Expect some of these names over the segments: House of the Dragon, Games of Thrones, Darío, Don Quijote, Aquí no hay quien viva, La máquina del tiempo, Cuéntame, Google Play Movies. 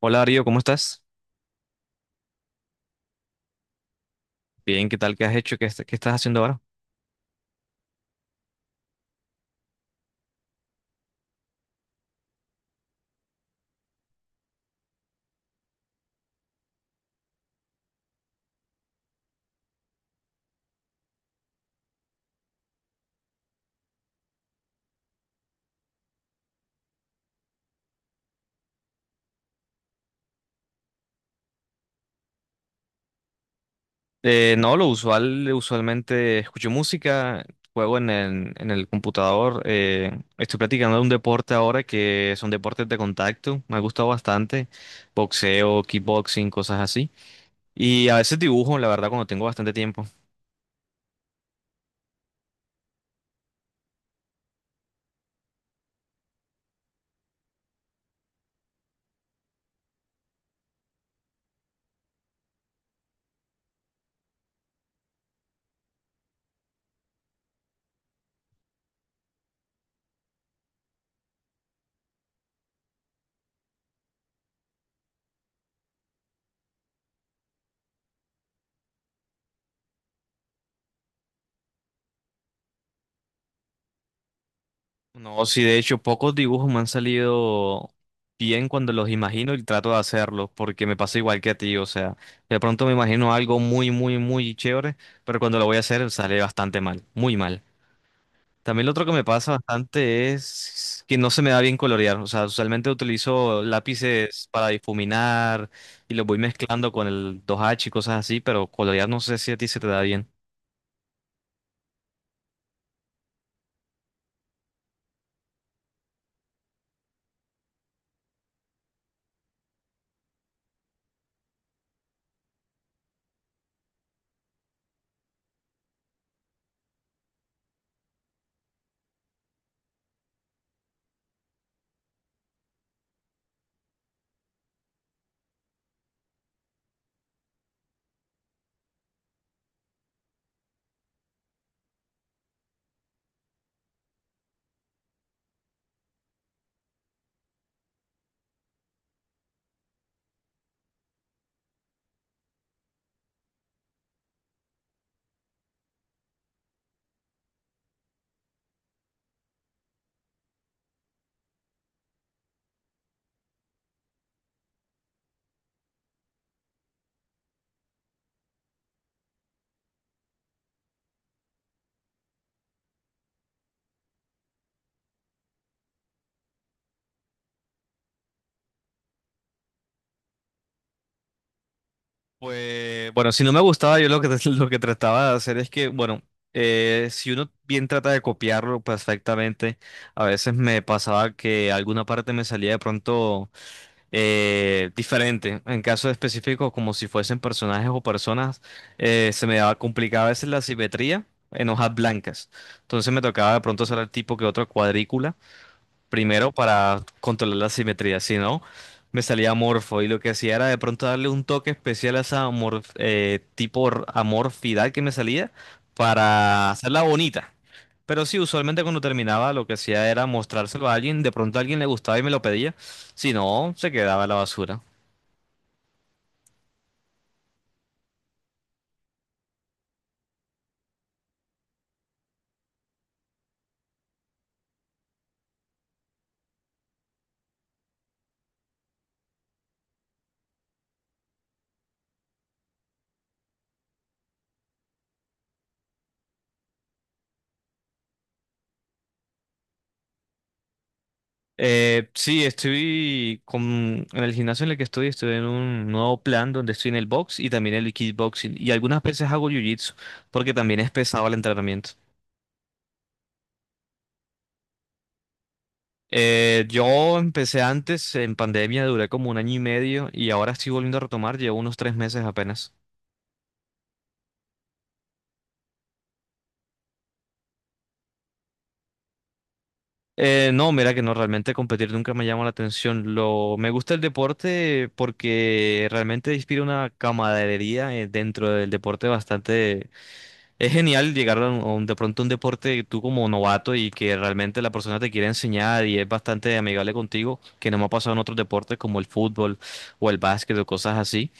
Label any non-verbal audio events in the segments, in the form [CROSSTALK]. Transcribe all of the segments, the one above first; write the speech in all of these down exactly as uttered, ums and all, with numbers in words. Hola Darío, ¿cómo estás? Bien, ¿qué tal? ¿Qué has hecho? ¿Qué, est- qué estás haciendo ahora? Eh, no, lo usual, usualmente escucho música, juego en el, en el computador, eh, estoy practicando un deporte ahora que son deportes de contacto, me ha gustado bastante, boxeo, kickboxing, cosas así. Y a veces dibujo, la verdad, cuando tengo bastante tiempo. No, sí, de hecho, pocos dibujos me han salido bien cuando los imagino y trato de hacerlos, porque me pasa igual que a ti, o sea, de pronto me imagino algo muy, muy, muy chévere, pero cuando lo voy a hacer sale bastante mal, muy mal. También lo otro que me pasa bastante es que no se me da bien colorear, o sea, usualmente utilizo lápices para difuminar y los voy mezclando con el dos H y cosas así, pero colorear no sé si a ti se te da bien. Pues bueno, si no me gustaba, yo lo que, [LAUGHS] lo que trataba de hacer es que, bueno, eh, si uno bien trata de copiarlo perfectamente, a veces me pasaba que alguna parte me salía de pronto eh, diferente. En casos específicos, como si fuesen personajes o personas, eh, se me daba complicada a veces la simetría en hojas blancas. Entonces me tocaba de pronto hacer el tipo que otra cuadrícula primero para controlar la simetría, si no, me salía amorfo y lo que hacía era de pronto darle un toque especial a esa amorf- eh, tipo r- amorfidad que me salía para hacerla bonita. Pero sí, usualmente cuando terminaba lo que hacía era mostrárselo a alguien, de pronto a alguien le gustaba y me lo pedía, si no, se quedaba en la basura. Eh, sí, estoy con, en el gimnasio en el que estoy, estoy en un nuevo plan donde estoy en el box y también en el kickboxing y algunas veces hago jiu-jitsu porque también es pesado el entrenamiento. Eh, yo empecé antes, en pandemia duré como un año y medio y ahora estoy volviendo a retomar, llevo unos tres meses apenas. Eh, no, mira que no, realmente competir nunca me llama la atención. Lo, me gusta el deporte porque realmente inspira una camaradería eh, dentro del deporte bastante. Es genial llegar a un, a un- de pronto a un deporte tú como novato y que realmente la persona te quiere enseñar y es bastante amigable contigo, que no me ha pasado en otros deportes como el fútbol o el básquet o cosas así.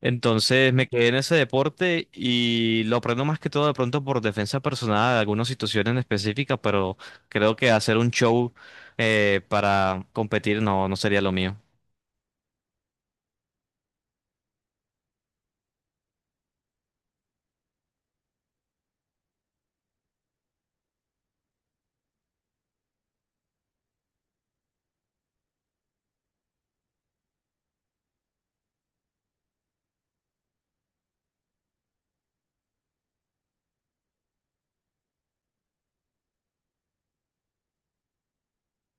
Entonces me quedé en ese deporte y lo aprendo más que todo de pronto por defensa personal de algunas situaciones específicas, pero creo que hacer un show eh, para competir no, no sería lo mío.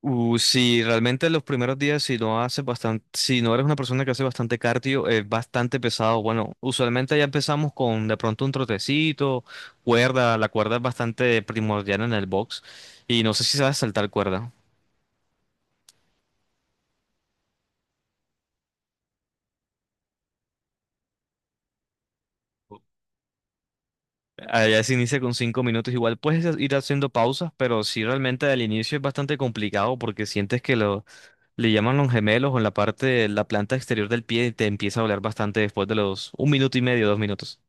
Uh, si realmente los primeros días, si no haces bastante, si no eres una persona que hace bastante cardio, es bastante pesado. Bueno, usualmente ya empezamos con de pronto un trotecito, cuerda. La cuerda es bastante primordial en el box y no sé si sabes saltar cuerda. Allá se inicia con cinco minutos. Igual puedes ha- ir haciendo pausas, pero sí realmente al inicio es bastante complicado porque sientes que lo, le llaman los gemelos o en la parte de la planta exterior del pie y te empieza a doler bastante después de los un minuto y medio, dos minutos.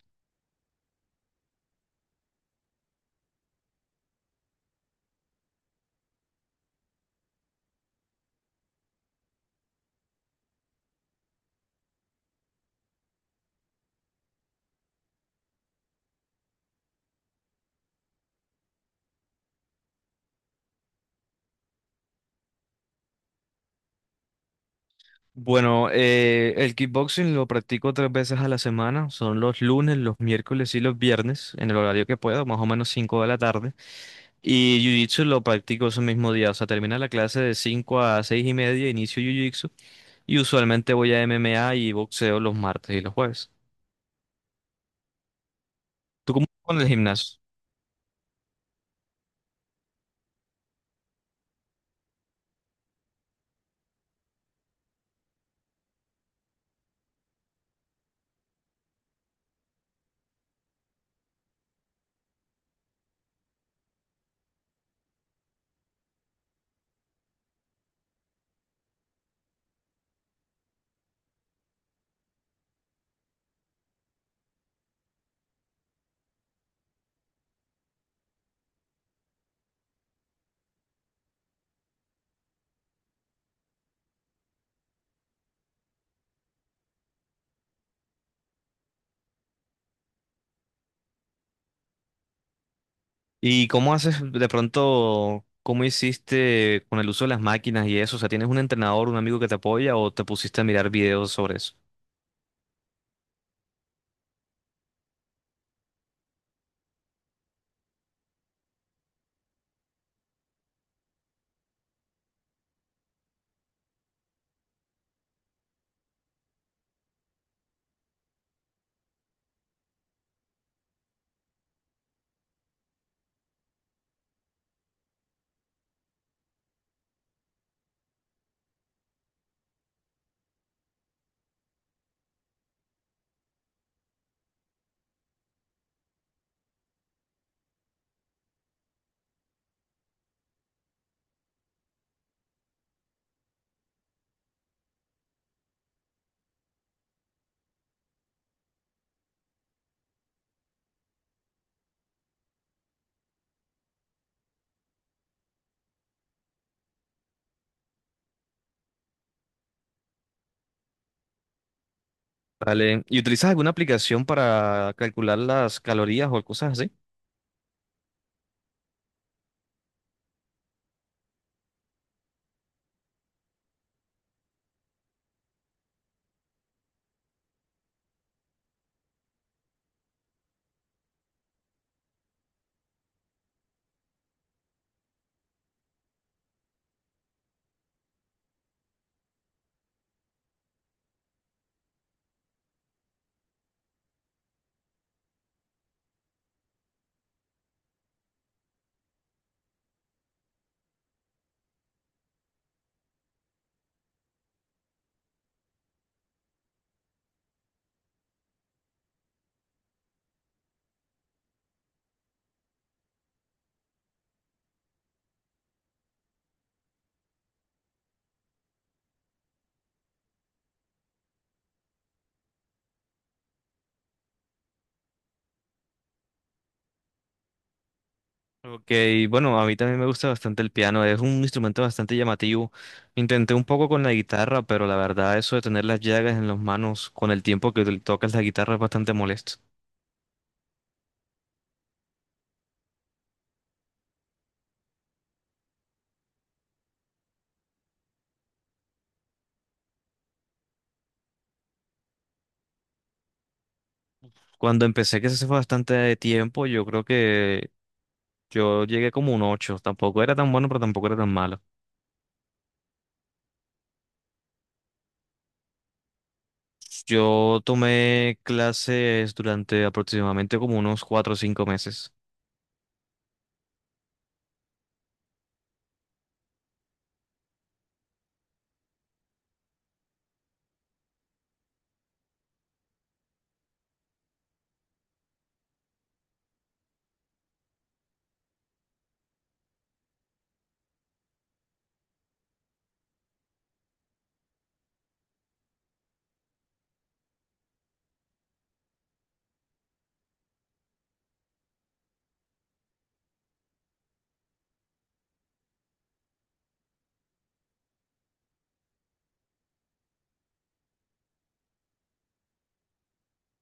Bueno, eh, el kickboxing lo practico tres veces a la semana. Son los lunes, los miércoles y los viernes, en el horario que puedo, más o menos cinco de la tarde. Y jiu-jitsu lo practico ese mismo día. O sea, termina la clase de cinco a seis y media, inicio jiu-jitsu. Y usualmente voy a M M A y boxeo los martes y los jueves. ¿Tú cómo con el gimnasio? ¿Y cómo haces de pronto, cómo hiciste con el uso de las máquinas y eso? O sea, ¿tienes un entrenador, un amigo que te apoya o te pusiste a mirar videos sobre eso? Vale. ¿Y utilizas alguna aplicación para calcular las calorías o cosas así? Ok, bueno, a mí también me gusta bastante el piano, es un instrumento bastante llamativo. Intenté un poco con la guitarra, pero la verdad eso de tener las llagas en las manos con el tiempo que tocas la guitarra es bastante molesto. Cuando empecé, que se fue bastante tiempo, yo creo que yo llegué como un ocho. Tampoco era tan bueno, pero tampoco era tan malo. Yo tomé clases durante aproximadamente como unos cuatro o cinco meses.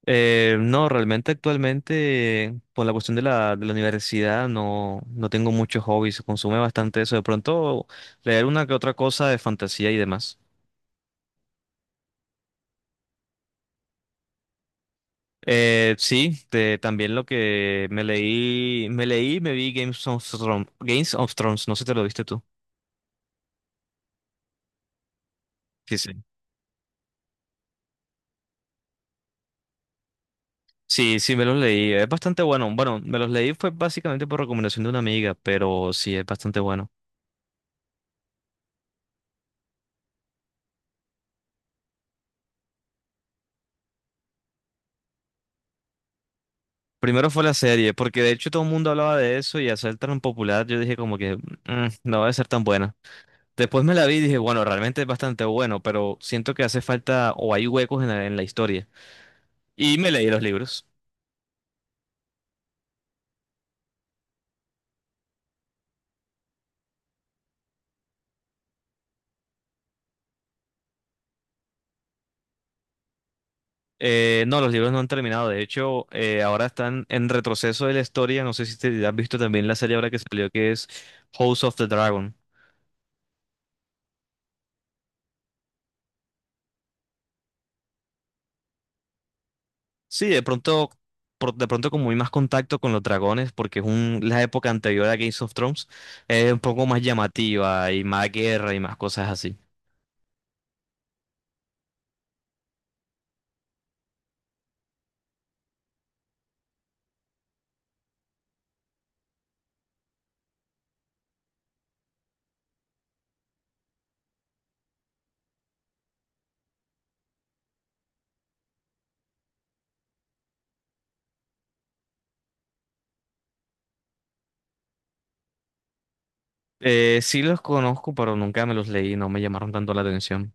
Eh, no, realmente actualmente, por la cuestión de la, de la universidad, no, no tengo muchos hobbies. Consume bastante eso. De pronto, leer una que otra cosa de fantasía y demás. Eh, sí, te- también lo que me leí, me leí, y me vi Games of Thrones, Games of Thrones, no sé si te lo viste tú. Sí, sí. Sí, sí, me los leí. Es bastante bueno. Bueno, me los leí fue básicamente por recomendación de una amiga, pero sí, es bastante bueno. Primero fue la serie, porque de hecho todo el mundo hablaba de eso y al ser tan popular yo dije como que "Mm, no va a ser tan buena". Después me la vi y dije, bueno, realmente es bastante bueno, pero siento que hace falta o hay huecos en la, en la historia. Y me leí los libros. Eh, no, los libros no han terminado. De hecho, eh, ahora están en retroceso de la historia. No sé si te has visto también la serie ahora que salió que es House of the Dragon. Sí, de pronto, por- de pronto como hay más contacto con los dragones, porque es un, la época anterior a Game of Thrones, es un poco más llamativa y más guerra y más cosas así. Eh, sí los conozco, pero nunca me los leí, no me llamaron tanto la atención.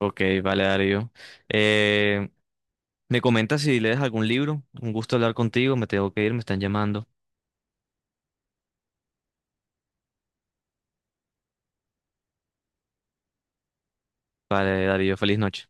Ok, vale, Darío. Eh, Me comentas si lees algún libro, un gusto hablar contigo, me tengo que ir, me están llamando. Vale, Darío, feliz noche.